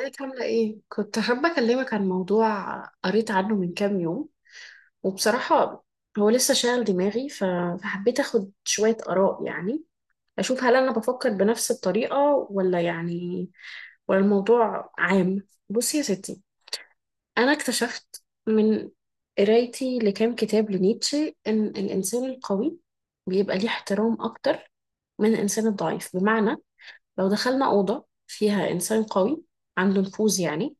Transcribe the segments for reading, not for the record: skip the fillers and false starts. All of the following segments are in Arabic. ازيك عاملة ايه؟ كنت حابة اكلمك عن موضوع قريت عنه من كام يوم، وبصراحة هو لسه شاغل دماغي فحبيت اخد شوية آراء، يعني اشوف هل انا بفكر بنفس الطريقة ولا يعني، ولا الموضوع عام؟ بصي يا ستي، انا اكتشفت من قرايتي لكام كتاب لنيتشه ان الانسان القوي بيبقى ليه احترام اكتر من الانسان الضعيف. بمعنى لو دخلنا أوضة فيها انسان قوي عنده نفوذ يعني،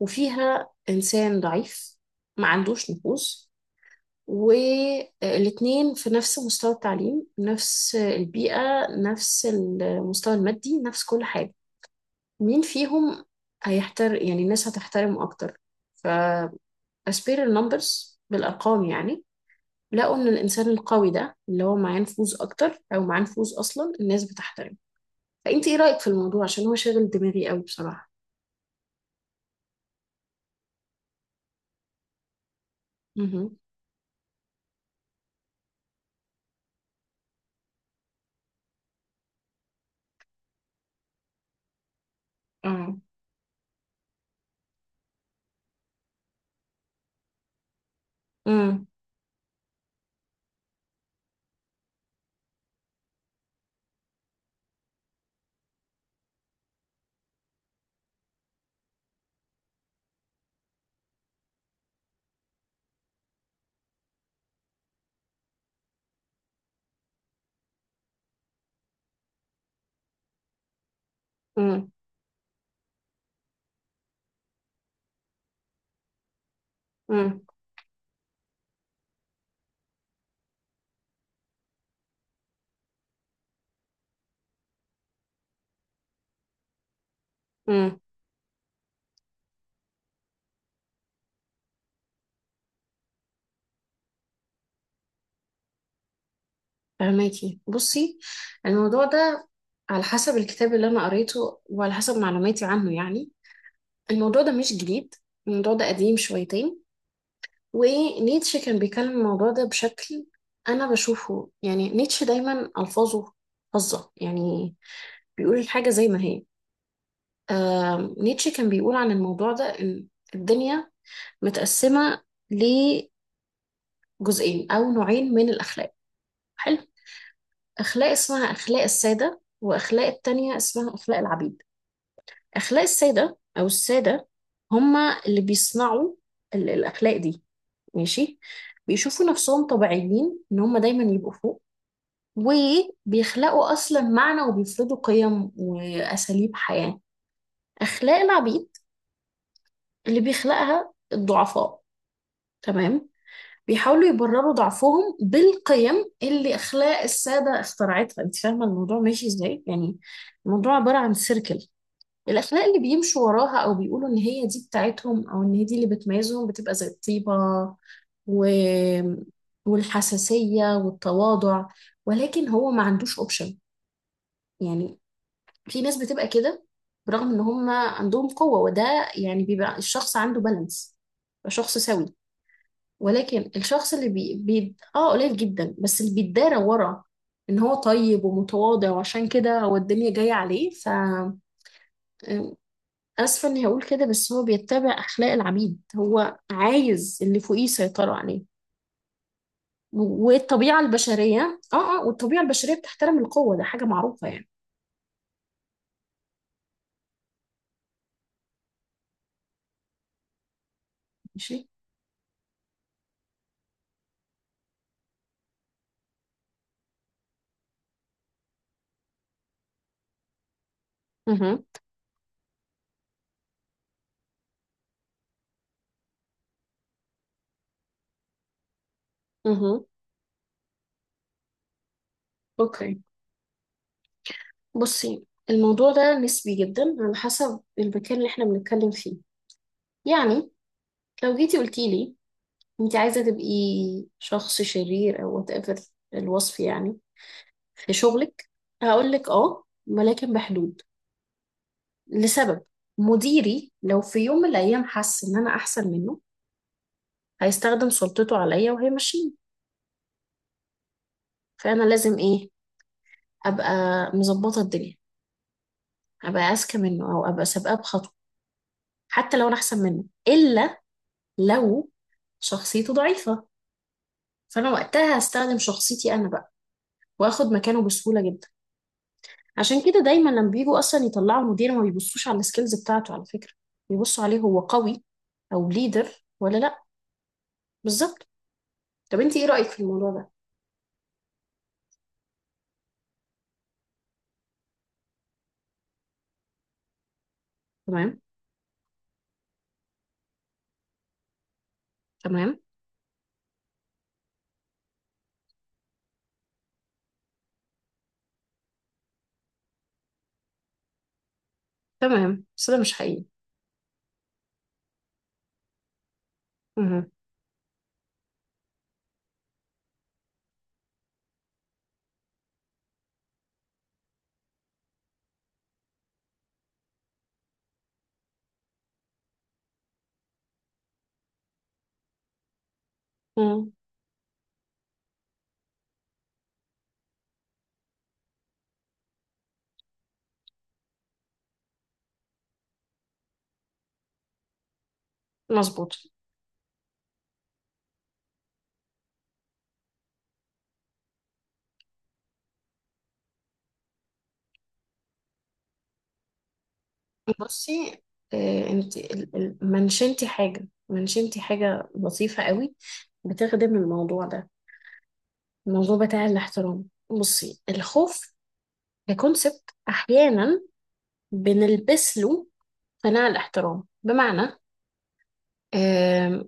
وفيها إنسان ضعيف ما عندوش نفوذ، والاتنين في نفس مستوى التعليم، نفس البيئة، نفس المستوى المادي، نفس كل حاجة، مين فيهم يعني الناس هتحترمه أكتر؟ ف As per the numbers، بالأرقام يعني، لقوا إن الإنسان القوي ده اللي هو معاه نفوذ أكتر، أو معاه نفوذ أصلا، الناس بتحترمه. فأنت إيه رأيك في الموضوع؟ عشان هو شاغل دماغي قوي بصراحة. مهم. اه. امم امم امم فهماكي؟ بصي الموضوع ده، على حسب الكتاب اللي انا قريته وعلى حسب معلوماتي عنه، يعني الموضوع ده مش جديد. الموضوع ده قديم شويتين. ونيتشه كان بيكلم الموضوع ده بشكل، انا بشوفه يعني نيتشه دايما الفاظه فظه يعني، بيقول الحاجه زي ما هي. نيتشه كان بيقول عن الموضوع ده ان الدنيا متقسمه لجزئين او نوعين من الاخلاق. حلو. اخلاق اسمها اخلاق الساده، واخلاق التانية اسمها اخلاق العبيد. أخلاق السادة، أو السادة، هما اللي بيصنعوا الأخلاق دي. ماشي. بيشوفوا نفسهم طبيعيين إن هما دايما يبقوا فوق، وبيخلقوا أصلا معنى وبيفرضوا قيم وأساليب حياة. أخلاق العبيد اللي بيخلقها الضعفاء، تمام، بيحاولوا يبرروا ضعفهم بالقيم اللي أخلاق السادة اخترعتها. أنت فاهمة الموضوع ماشي إزاي يعني؟ الموضوع عبارة عن سيركل. الأخلاق اللي بيمشوا وراها، أو بيقولوا إن هي دي بتاعتهم أو إن هي دي اللي بتميزهم، بتبقى زي الطيبة و... والحساسية والتواضع. ولكن هو ما عندوش أوبشن. يعني في ناس بتبقى كده برغم إن هم عندهم قوة، وده يعني بيبقى الشخص عنده بالانس، يبقى شخص سوي. ولكن الشخص اللي بي... بي... آه قليل جدا، بس اللي بيتدارى ورا إن هو طيب ومتواضع وعشان كده هو الدنيا جاية عليه. اسفه اني هقول كده بس هو بيتبع اخلاق العبيد، هو عايز اللي فوقيه يسيطروا عليه. والطبيعه البشريه بتحترم القوه، ده حاجه معروفه يعني. ماشي. اها، اها. اوكي. بصي الموضوع ده نسبي جدا على حسب المكان اللي احنا بنتكلم فيه. يعني لو جيتي قلتي لي انت عايزه تبقي شخص شرير او وات ايفر الوصف يعني، في شغلك، هقول لك اه ولكن بحدود. لسبب: مديري لو في يوم من الأيام حس إن أنا أحسن منه، هيستخدم سلطته عليا وهيمشيني. فأنا لازم إيه؟ أبقى مظبطة الدنيا، أبقى أذكى منه، أو أبقى سابقاه بخطوة حتى لو أنا أحسن منه، إلا لو شخصيته ضعيفة فأنا وقتها هستخدم شخصيتي أنا بقى، وآخد مكانه بسهولة جدا. عشان كده دايما لما بيجوا أصلا يطلعوا مدير، ما بيبصوش على السكيلز بتاعته على فكرة. بيبصوا عليه هو قوي أو ليدر ولا لأ. بالظبط. طب أنت إيه رأيك في الموضوع ده؟ تمام، تمام، تمام، بس ده مش حقيقي. مهم. مم. مظبوط. بصي، انت منشنتي حاجة لطيفة قوي بتخدم الموضوع ده، الموضوع بتاع الاحترام. بصي، الخوف ككونسبت احيانا بنلبس له قناع الاحترام. بمعنى، آم،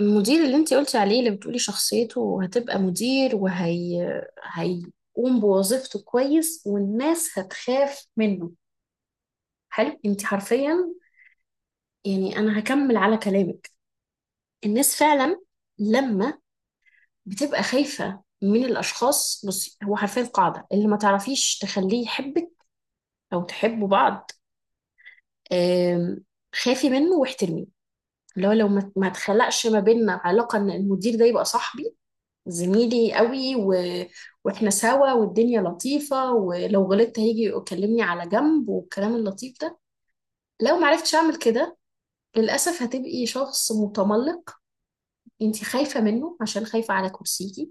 المدير اللي انت قلتي عليه، اللي بتقولي شخصيته هتبقى مدير وهي هيقوم بوظيفته كويس والناس هتخاف منه، حلو، انت حرفيا يعني، أنا هكمل على كلامك. الناس فعلا لما بتبقى خايفة من الأشخاص، بصي هو حرفيا قاعدة، اللي ما تعرفيش تخليه يحبك أو تحبوا بعض، آم، خافي منه واحترميه. اللي هو لو ما تخلقش ما بيننا علاقة إن المدير ده يبقى صاحبي، زميلي قوي، واحنا سوا والدنيا لطيفة ولو غلطت هيجي يكلمني على جنب والكلام اللطيف ده، لو معرفتش أعمل كده للأسف هتبقي شخص متملق. انت خايفة منه عشان خايفة على كرسيكي.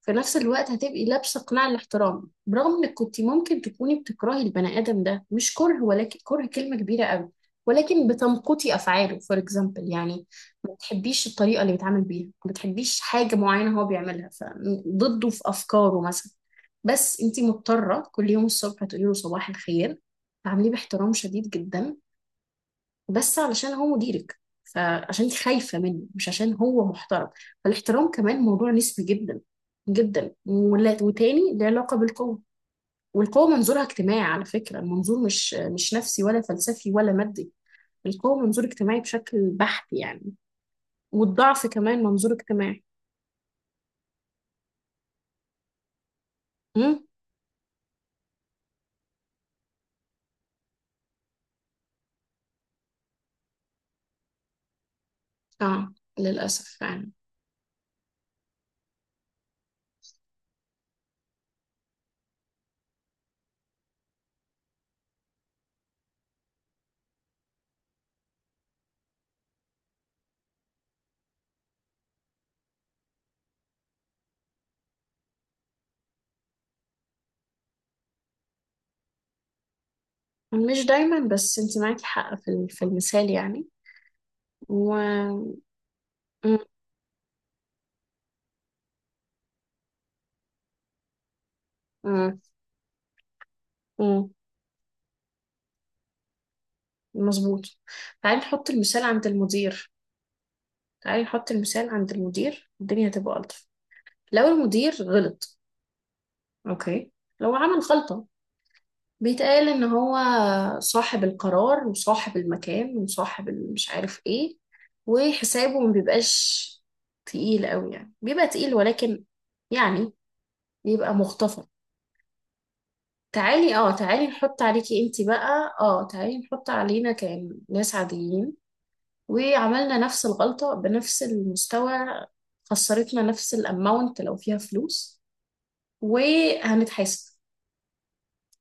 في نفس الوقت هتبقي لابسة قناع الاحترام، برغم انك كنت ممكن تكوني بتكرهي البني آدم ده. مش كره، ولكن كره كلمة كبيرة قوي، ولكن بتمقتي افعاله، فور اكزامبل يعني. ما بتحبيش الطريقة اللي بيتعامل بيها، ما بتحبيش حاجة معينة هو بيعملها، فضده في افكاره مثلا. بس انت مضطرة كل يوم الصبح تقولي له صباح الخير، تعامليه باحترام شديد جدا، بس علشان هو مديرك، فعشان انت خايفة منه مش عشان هو محترم. فالاحترام كمان موضوع نسبي جدا جدا، وتاني له علاقة بالقوة. والقوة منظورها اجتماعي، على فكرة المنظور مش نفسي ولا فلسفي ولا مادي. القوة منظور اجتماعي بشكل بحت يعني. والضعف كمان منظور اجتماعي. امم اه، للأسف فعلا. مش دايما، بس انت معاكي حق في في المثال يعني. و مم. مم. مم. مظبوط. تعالي نحط المثال عند المدير، تعالي نحط المثال عند المدير الدنيا هتبقى ألطف. لو المدير غلط، أوكي، لو عمل غلطة، بيتقال إن هو صاحب القرار وصاحب المكان وصاحب مش عارف إيه، وحسابه ما بيبقاش تقيل قوي يعني، بيبقى تقيل، ولكن يعني بيبقى مختصر. تعالي نحط عليكي انتي بقى تعالي نحط علينا كناس عاديين وعملنا نفس الغلطة بنفس المستوى، خسرتنا نفس الاماونت لو فيها فلوس، وهنتحاسب.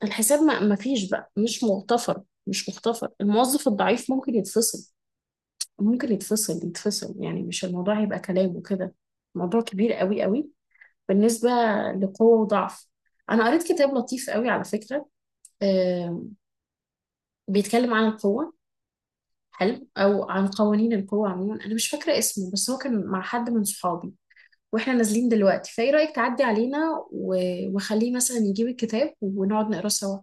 الحساب ما فيش بقى، مش مغتفر، مش مغتفر. الموظف الضعيف ممكن يتفصل، ممكن يتفصل يتفصل يعني، مش الموضوع هيبقى كلام وكده. موضوع كبير قوي قوي. بالنسبة لقوة وضعف، أنا قريت كتاب لطيف قوي على فكرة، آه، بيتكلم عن القوة. حلو، أو عن قوانين القوة عموما، أنا مش فاكرة اسمه، بس هو كان مع حد من صحابي، واحنا نازلين دلوقتي، فايه رأيك تعدي علينا و- وخليه مثلا يجيب الكتاب ونقعد نقراه سوا؟